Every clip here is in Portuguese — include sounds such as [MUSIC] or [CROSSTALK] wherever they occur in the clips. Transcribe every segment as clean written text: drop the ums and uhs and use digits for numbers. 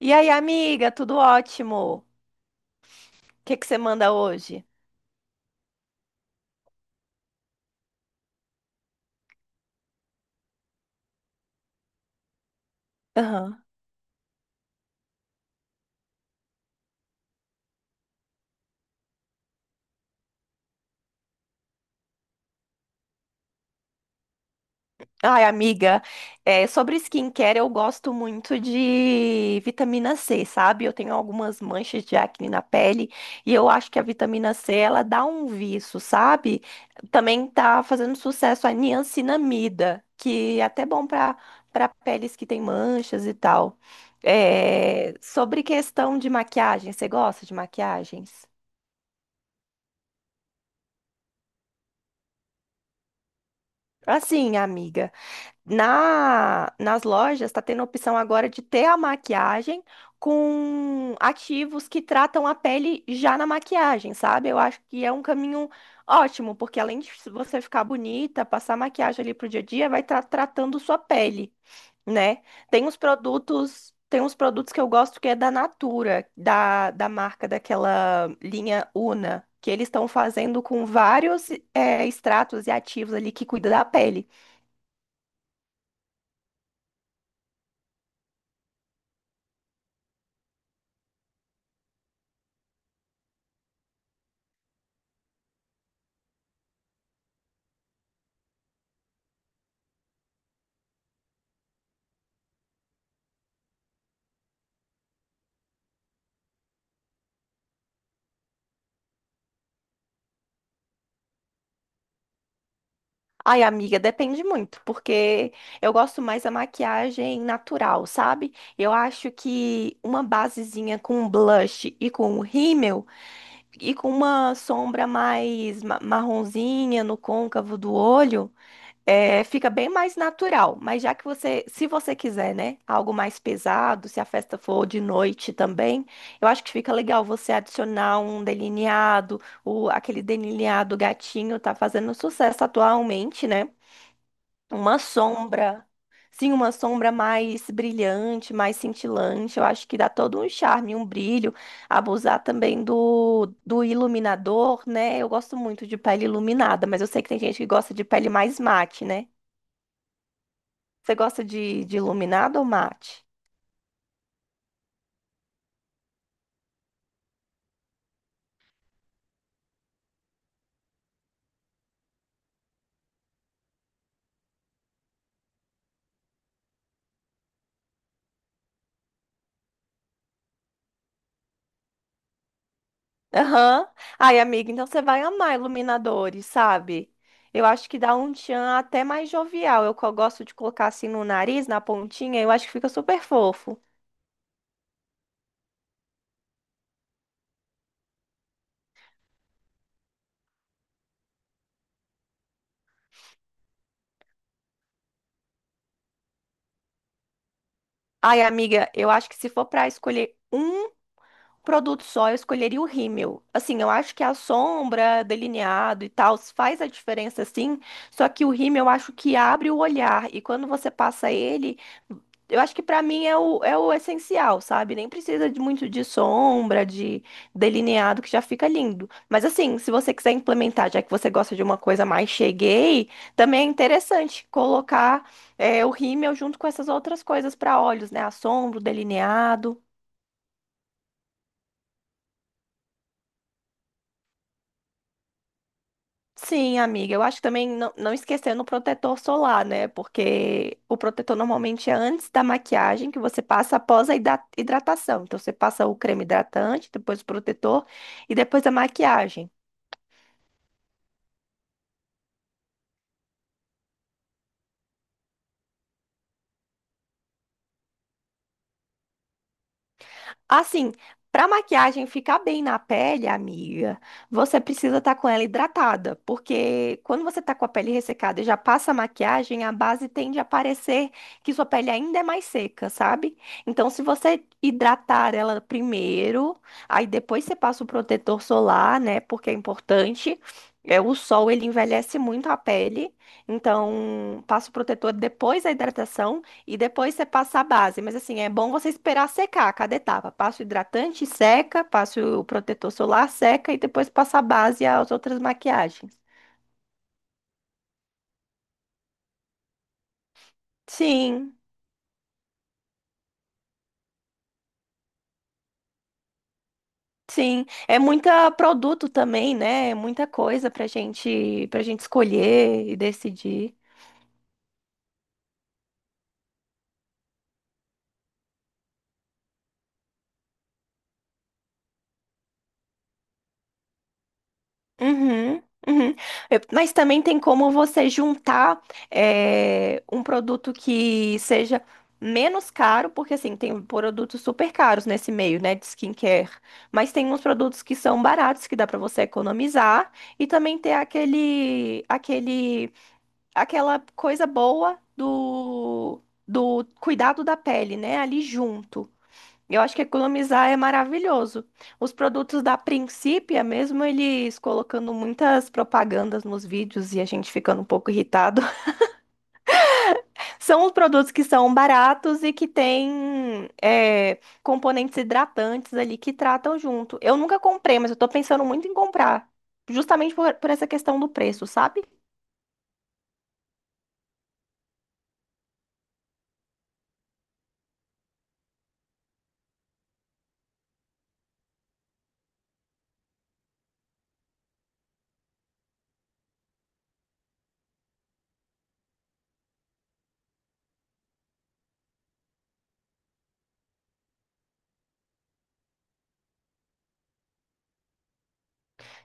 E aí, amiga, tudo ótimo? O que você manda hoje? Aham. Ai, amiga, sobre skincare, eu gosto muito de vitamina C, sabe? Eu tenho algumas manchas de acne na pele e eu acho que a vitamina C, ela dá um viço, sabe? Também tá fazendo sucesso a niacinamida, que é até bom para peles que têm manchas e tal. É, sobre questão de maquiagem, você gosta de maquiagens? Assim, amiga. Nas lojas está tendo a opção agora de ter a maquiagem com ativos que tratam a pele já na maquiagem, sabe? Eu acho que é um caminho ótimo, porque além de você ficar bonita, passar maquiagem ali pro dia a dia, vai estar tratando sua pele, né? Tem uns produtos que eu gosto que é da Natura, da marca daquela linha Una, que eles estão fazendo com vários extratos e ativos ali que cuida da pele. Ai, amiga, depende muito, porque eu gosto mais da maquiagem natural, sabe? Eu acho que uma basezinha com blush e com um rímel e com uma sombra mais marronzinha no côncavo do olho, fica bem mais natural. Mas já que se você quiser, né, algo mais pesado, se a festa for de noite também, eu acho que fica legal você adicionar um delineado, aquele delineado gatinho tá fazendo sucesso atualmente, né? Uma sombra. Sim, uma sombra mais brilhante, mais cintilante. Eu acho que dá todo um charme, um brilho. Abusar também do iluminador, né? Eu gosto muito de pele iluminada, mas eu sei que tem gente que gosta de pele mais mate, né? Você gosta de iluminado ou mate? Aham. Ai, amiga, então você vai amar iluminadores, sabe? Eu acho que dá um tchan até mais jovial. Eu co- gosto de colocar assim no nariz, na pontinha, eu acho que fica super fofo. Ai, amiga, eu acho que se for para escolher um produto só, eu escolheria o rímel. Assim, eu acho que a sombra, delineado e tal, faz a diferença sim, só que o rímel eu acho que abre o olhar e quando você passa ele, eu acho que pra mim é é o essencial, sabe? Nem precisa de muito de sombra, de delineado, que já fica lindo. Mas assim, se você quiser implementar, já que você gosta de uma coisa mais cheguei, também é interessante colocar o rímel junto com essas outras coisas pra olhos, né? A sombra, o delineado. Sim, amiga, eu acho que também não esquecendo o protetor solar, né? Porque o protetor normalmente é antes da maquiagem que você passa após a hidratação. Então você passa o creme hidratante, depois o protetor e depois a maquiagem. Assim, para maquiagem ficar bem na pele, amiga, você precisa estar com ela hidratada, porque quando você tá com a pele ressecada e já passa a maquiagem, a base tende a parecer que sua pele ainda é mais seca, sabe? Então, se você hidratar ela primeiro, aí depois você passa o protetor solar, né? Porque é importante. É, o sol, ele envelhece muito a pele, então passa o protetor depois da hidratação. E depois você passa a base. Mas assim, é bom você esperar secar cada etapa. Passa o hidratante, seca, passa o protetor solar, seca e depois passa a base e as outras maquiagens. Sim, sim. É muito produto também, né? É muita coisa pra gente escolher e decidir. Uhum, uhum. Eu- Mas também tem como você juntar um produto que seja menos caro, porque assim, tem produtos super caros nesse meio, né, de skincare. Mas tem uns produtos que são baratos, que dá pra você economizar, e também ter aquela coisa boa do cuidado da pele, né, ali junto. Eu acho que economizar é maravilhoso. Os produtos da Principia, mesmo eles colocando muitas propagandas nos vídeos e a gente ficando um pouco irritado, [LAUGHS] são os produtos que são baratos e que têm componentes hidratantes ali que tratam junto. Eu nunca comprei, mas eu tô pensando muito em comprar, justamente por essa questão do preço, sabe?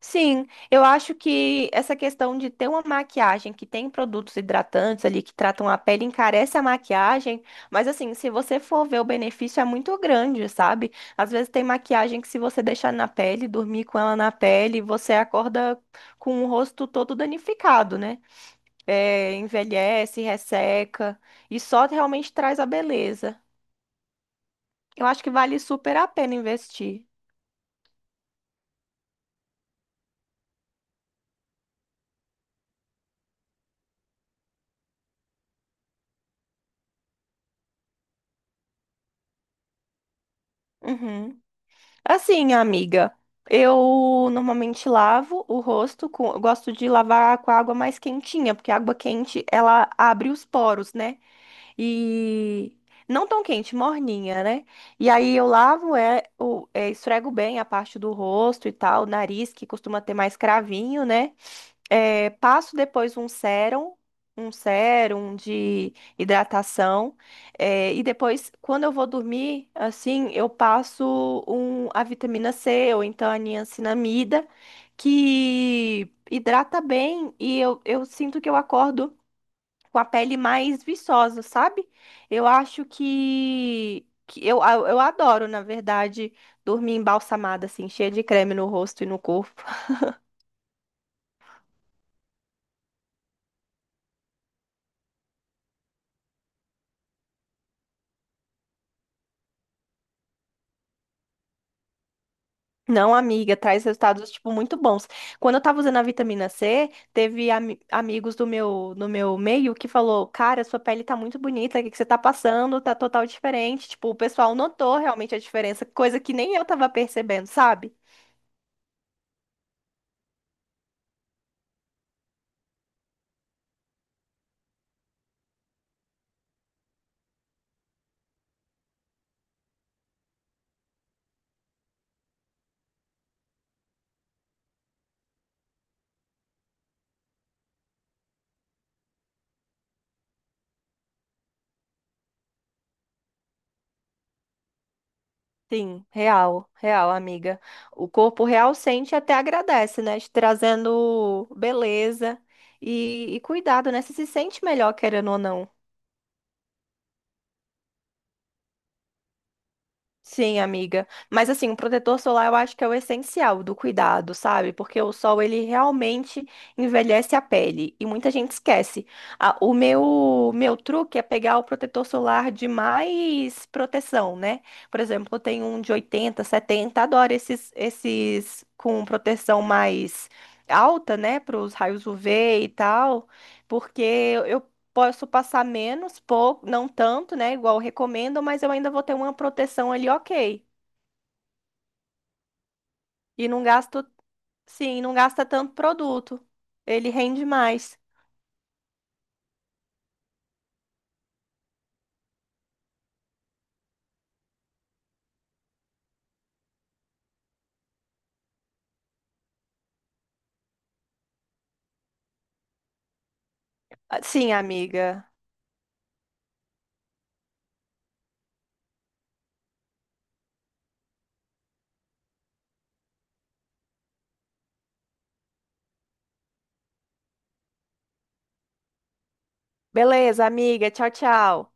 Sim, eu acho que essa questão de ter uma maquiagem que tem produtos hidratantes ali que tratam a pele encarece a maquiagem, mas assim, se você for ver o benefício é muito grande, sabe? Às vezes tem maquiagem que se você deixar na pele, dormir com ela na pele, você acorda com o rosto todo danificado, né? É, envelhece, resseca e só realmente traz a beleza. Eu acho que vale super a pena investir. Uhum. Assim, amiga, eu normalmente lavo o rosto com, eu gosto de lavar com a água mais quentinha, porque a água quente ela abre os poros, né? E não tão quente, morninha, né? E aí eu lavo, esfrego bem a parte do rosto e tal, nariz, que costuma ter mais cravinho, né? É, passo depois um sérum de hidratação. E depois, quando eu vou dormir, assim, a vitamina C ou então a niacinamida, que hidrata bem e eu sinto que eu acordo com a pele mais viçosa, sabe? Eu acho que eu adoro, na verdade, dormir embalsamada, assim, cheia de creme no rosto e no corpo. [LAUGHS] Não, amiga, traz resultados, tipo, muito bons. Quando eu tava usando a vitamina C, teve amigos no meu meio que falou, cara, sua pele tá muito bonita, o que que você tá passando? Tá total diferente. Tipo, o pessoal notou realmente a diferença, coisa que nem eu tava percebendo, sabe? Sim, real, real, amiga. O corpo real sente e até agradece, né? Te trazendo beleza e cuidado, né? Você se sente melhor, querendo ou não. Sim, amiga. Mas assim, o protetor solar eu acho que é o essencial do cuidado, sabe? Porque o sol ele realmente envelhece a pele e muita gente esquece. Ah, o meu truque é pegar o protetor solar de mais proteção, né? Por exemplo, eu tenho um de 80, 70, adoro esses com proteção mais alta, né, para os raios UV e tal, porque eu posso passar menos, pouco, não tanto, né? Igual recomendam, mas eu ainda vou ter uma proteção ali, ok. E não gasto, sim, não gasta tanto produto. Ele rende mais. Ah, sim, amiga. Beleza, amiga. Tchau, tchau.